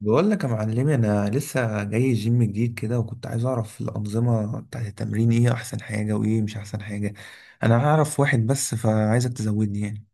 بقول لك يا معلمي، انا لسه جاي جيم جديد كده، وكنت عايز اعرف الانظمه بتاعت التمرين ايه احسن حاجه وايه مش احسن حاجه. انا اعرف واحد بس، فعايزك تزودني يعني.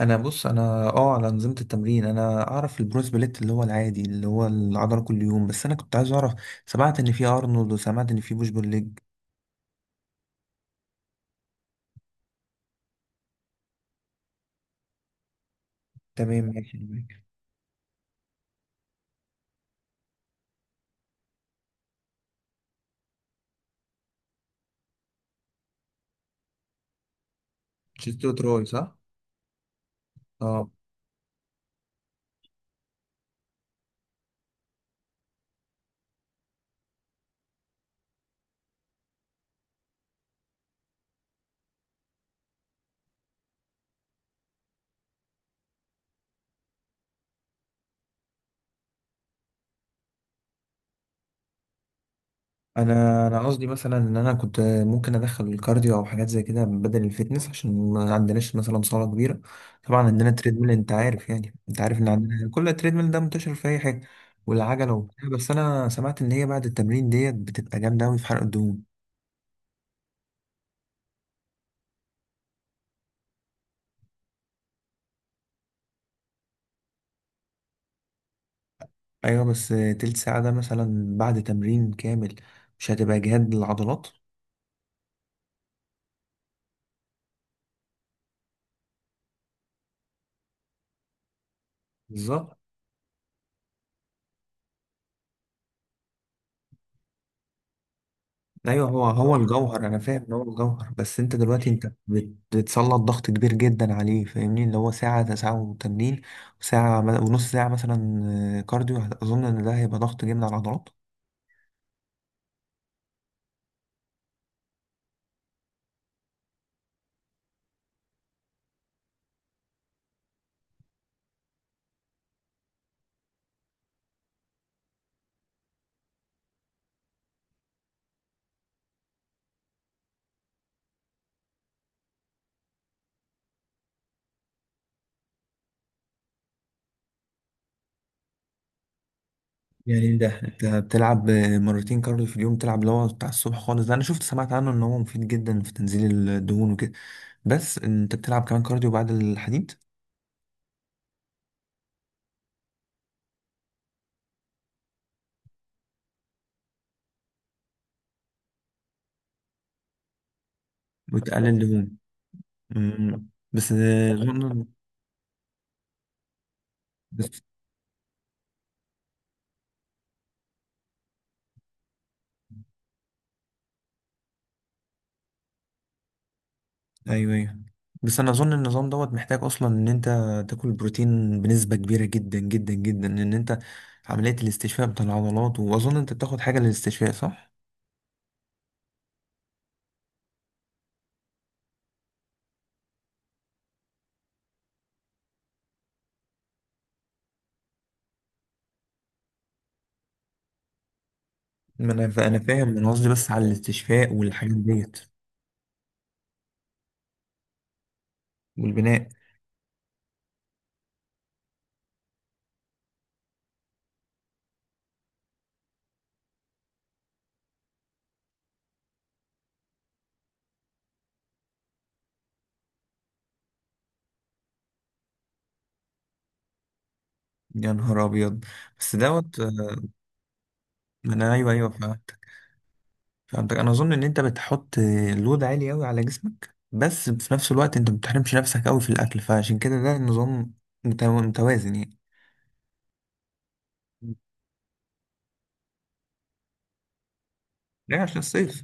انا بص، انا اه على انظمه التمرين، انا اعرف البرو سبليت اللي هو العادي اللي هو العضله كل يوم، بس انا كنت عايز اعرف. سمعت ان في ارنولد، وسمعت ان في بوش بول ليج. تمام، ماشي، تمام. تشيست وتراي صح. اه. انا قصدي مثلا ان انا كنت ممكن ادخل الكارديو او حاجات زي كده بدل الفيتنس، عشان ما عندناش مثلا صاله كبيره. طبعا عندنا تريدميل، انت عارف ان عندنا كل تريدميل ده منتشر في اي حاجه، والعجله وبتاع، بس انا سمعت ان هي بعد التمرين ديت بتبقى جامده قوي في حرق الدهون. ايوه، بس تلت ساعه ده مثلا بعد تمرين كامل، مش هتبقى جهاد للعضلات؟ بالظبط. ايوه، هو الجوهر، انا فاهم ان هو الجوهر، بس انت دلوقتي انت بتسلط ضغط كبير جدا عليه، فاهمني، اللي هو ساعه ساعه وتمرين، وساعه ونص ساعه مثلا كارديو. اظن ان ده هيبقى ضغط جامد على العضلات. يعني ده انت بتلعب مرتين كارديو في اليوم، بتلعب اللي هو بتاع الصبح خالص، ده انا سمعت عنه ان هو مفيد جدا في تنزيل الدهون وكده، بس انت بتلعب كمان كارديو بعد الحديد وتقلل الدهون. بس اظن. بس. ايوه ايوه. بس انا اظن النظام دوت محتاج اصلا ان انت تاكل بروتين بنسبه كبيره جدا جدا جدا، ان انت عمليه الاستشفاء بتاع العضلات، واظن انت بتاخد حاجه للاستشفاء صح؟ ما انا فاهم انا قصدي بس على الاستشفاء والحاجات ديت، والبناء. يا نهار ابيض. بس دوت. ما انا ايوه ايوه فهمتك فهمتك، انا اظن ان انت بتحط لود عالي قوي على جسمك، بس في نفس الوقت انت ما بتحرمش نفسك قوي في الاكل، فعشان كده ده النظام متوازن يعني. ده عشان الصيف.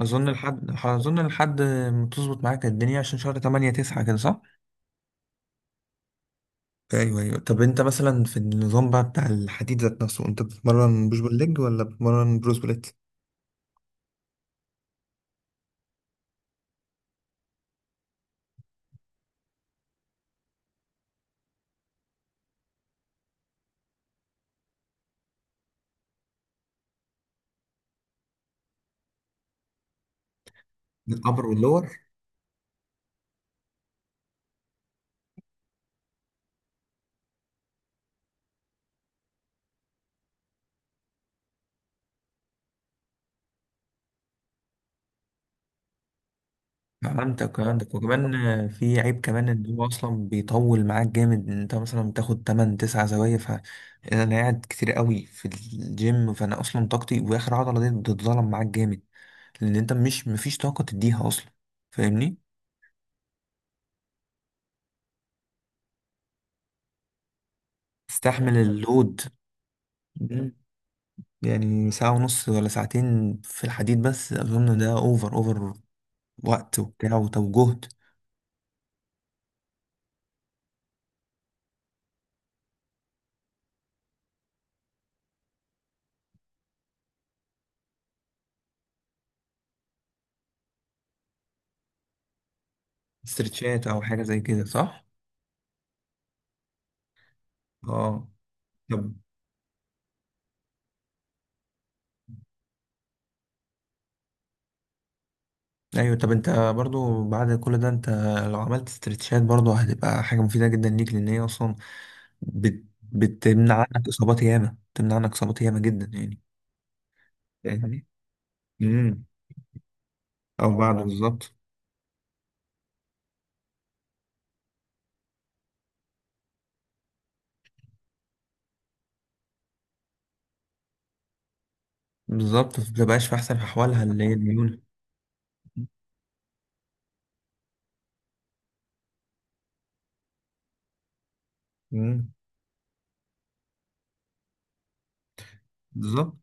اظن لحد ما تظبط معاك الدنيا، عشان شهر 8 9 كده صح؟ ايوه ايوه. طب انت مثلا في النظام بقى بتاع الحديد ذات نفسه، انت بتتمرن بوش بول ليج ولا بتتمرن بروس بليت؟ الابر واللور. فهمتك فهمتك، وكمان في عيب كمان ان هو اصلا بيطول معاك جامد، إن انت مثلا بتاخد 8 9 زوايا، فانا قاعد كتير قوي في الجيم، فانا اصلا طاقتي واخر عضله دي بتتظلم معاك جامد، لان انت مش مفيش طاقه تديها اصلا، فاهمني. تستحمل اللود. يعني ساعة ونص ولا ساعتين في الحديد، بس أظن ده أوفر أوفر وقت وبتاع، وطب جهد. استرتشات أو حاجة زي كده صح؟ اه. طب أيوة، طب أنت برضو بعد كل ده، أنت لو عملت استرتشات برضو هتبقى حاجة مفيدة جدا ليك، لأن هي أصلا بتمنع عنك إصابات ياما، بتمنع عنك إصابات ياما جدا يعني. فاهمني؟ امم. أو بعده بالظبط. بالظبط، ما بتبقاش في أحسن أحوالها، اللي هي الميونة. امم. بالظبط.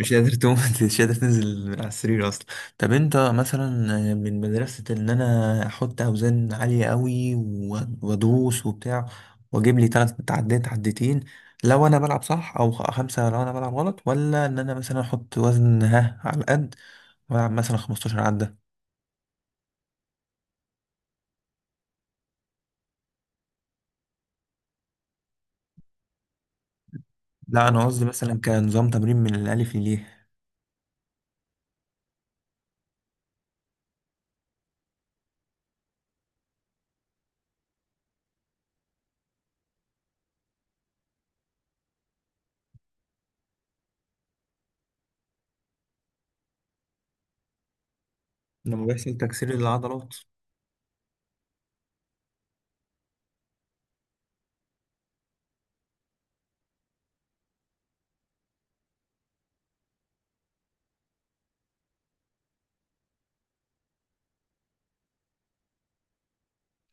مش قادر تقوم مش قادر تنزل من على السرير اصلا. طب انت مثلا من مدرسة ان انا احط اوزان عالية قوي وادوس وبتاع، واجيب لي تلات تعديات عدتين لو انا بلعب صح، او خمسة لو انا بلعب غلط، ولا ان انا مثلا احط وزن ها على القد والعب مثلا 15 عدة؟ لا، انا قصدي مثلا كنظام تمرين من الالف لليه. لما بيحصل تكسير للعضلات.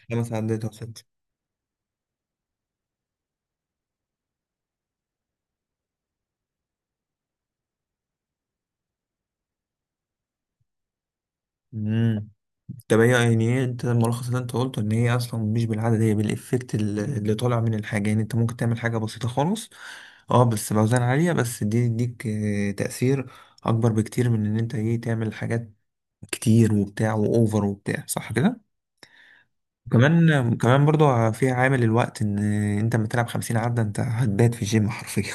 خمس عدات او ستة. امم. طب هي يعني ايه، انت الملخص اللي انت قلته ان هي اصلا مش بالعدد، هي بالافكت ال- اللي طالع من الحاجه، يعني انت ممكن تعمل حاجه بسيطه خالص اه بس باوزان عاليه، بس دي تديك تاثير اكبر بكتير من ان انت ايه تعمل حاجات كتير وبتاع واوفر وبتاع صح كده، وكمان كمان برضو فيها عامل الوقت ان انت لما تلعب 50 عده انت هتبات في الجيم حرفيا.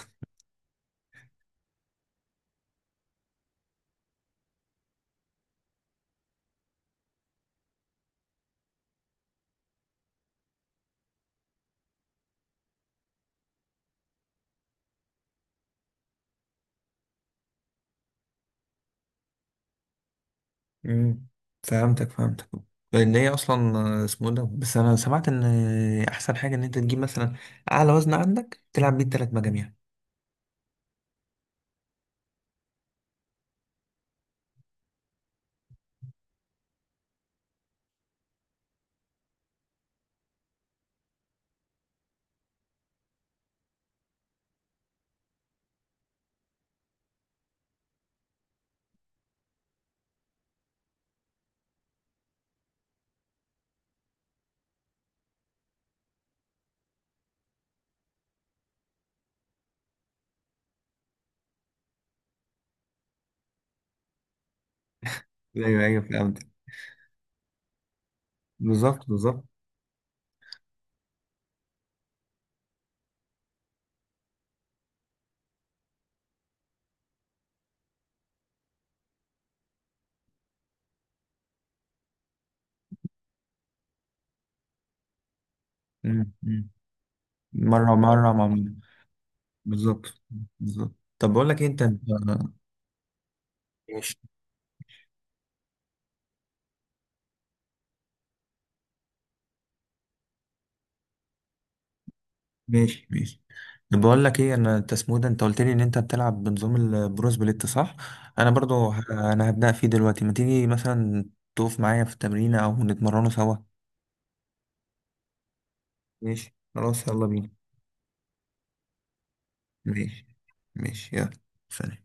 مم. فهمتك فهمتك، لان هي اصلا اسمه ده، بس انا سمعت ان احسن حاجه ان انت تجيب مثلا اعلى وزن عندك تلعب بيه الثلاث مجاميع. ايوه ايوه فهمت. بالظبط بالظبط. مم. مم. مره مره مع مره. بالظبط بالظبط. طب بقول لك ايه، ماشي ماشي. ماشي طب بقول لك ايه، انت اسمه إيه ده، انت قلت لي ان انت بتلعب بنظام البرو سبليت صح؟ انا برضو انا هبدا فيه دلوقتي، ما تيجي مثلا تقف معايا في التمرين او نتمرنه سوا. ماشي خلاص، يلا بينا. ماشي ماشي، يلا. سلام.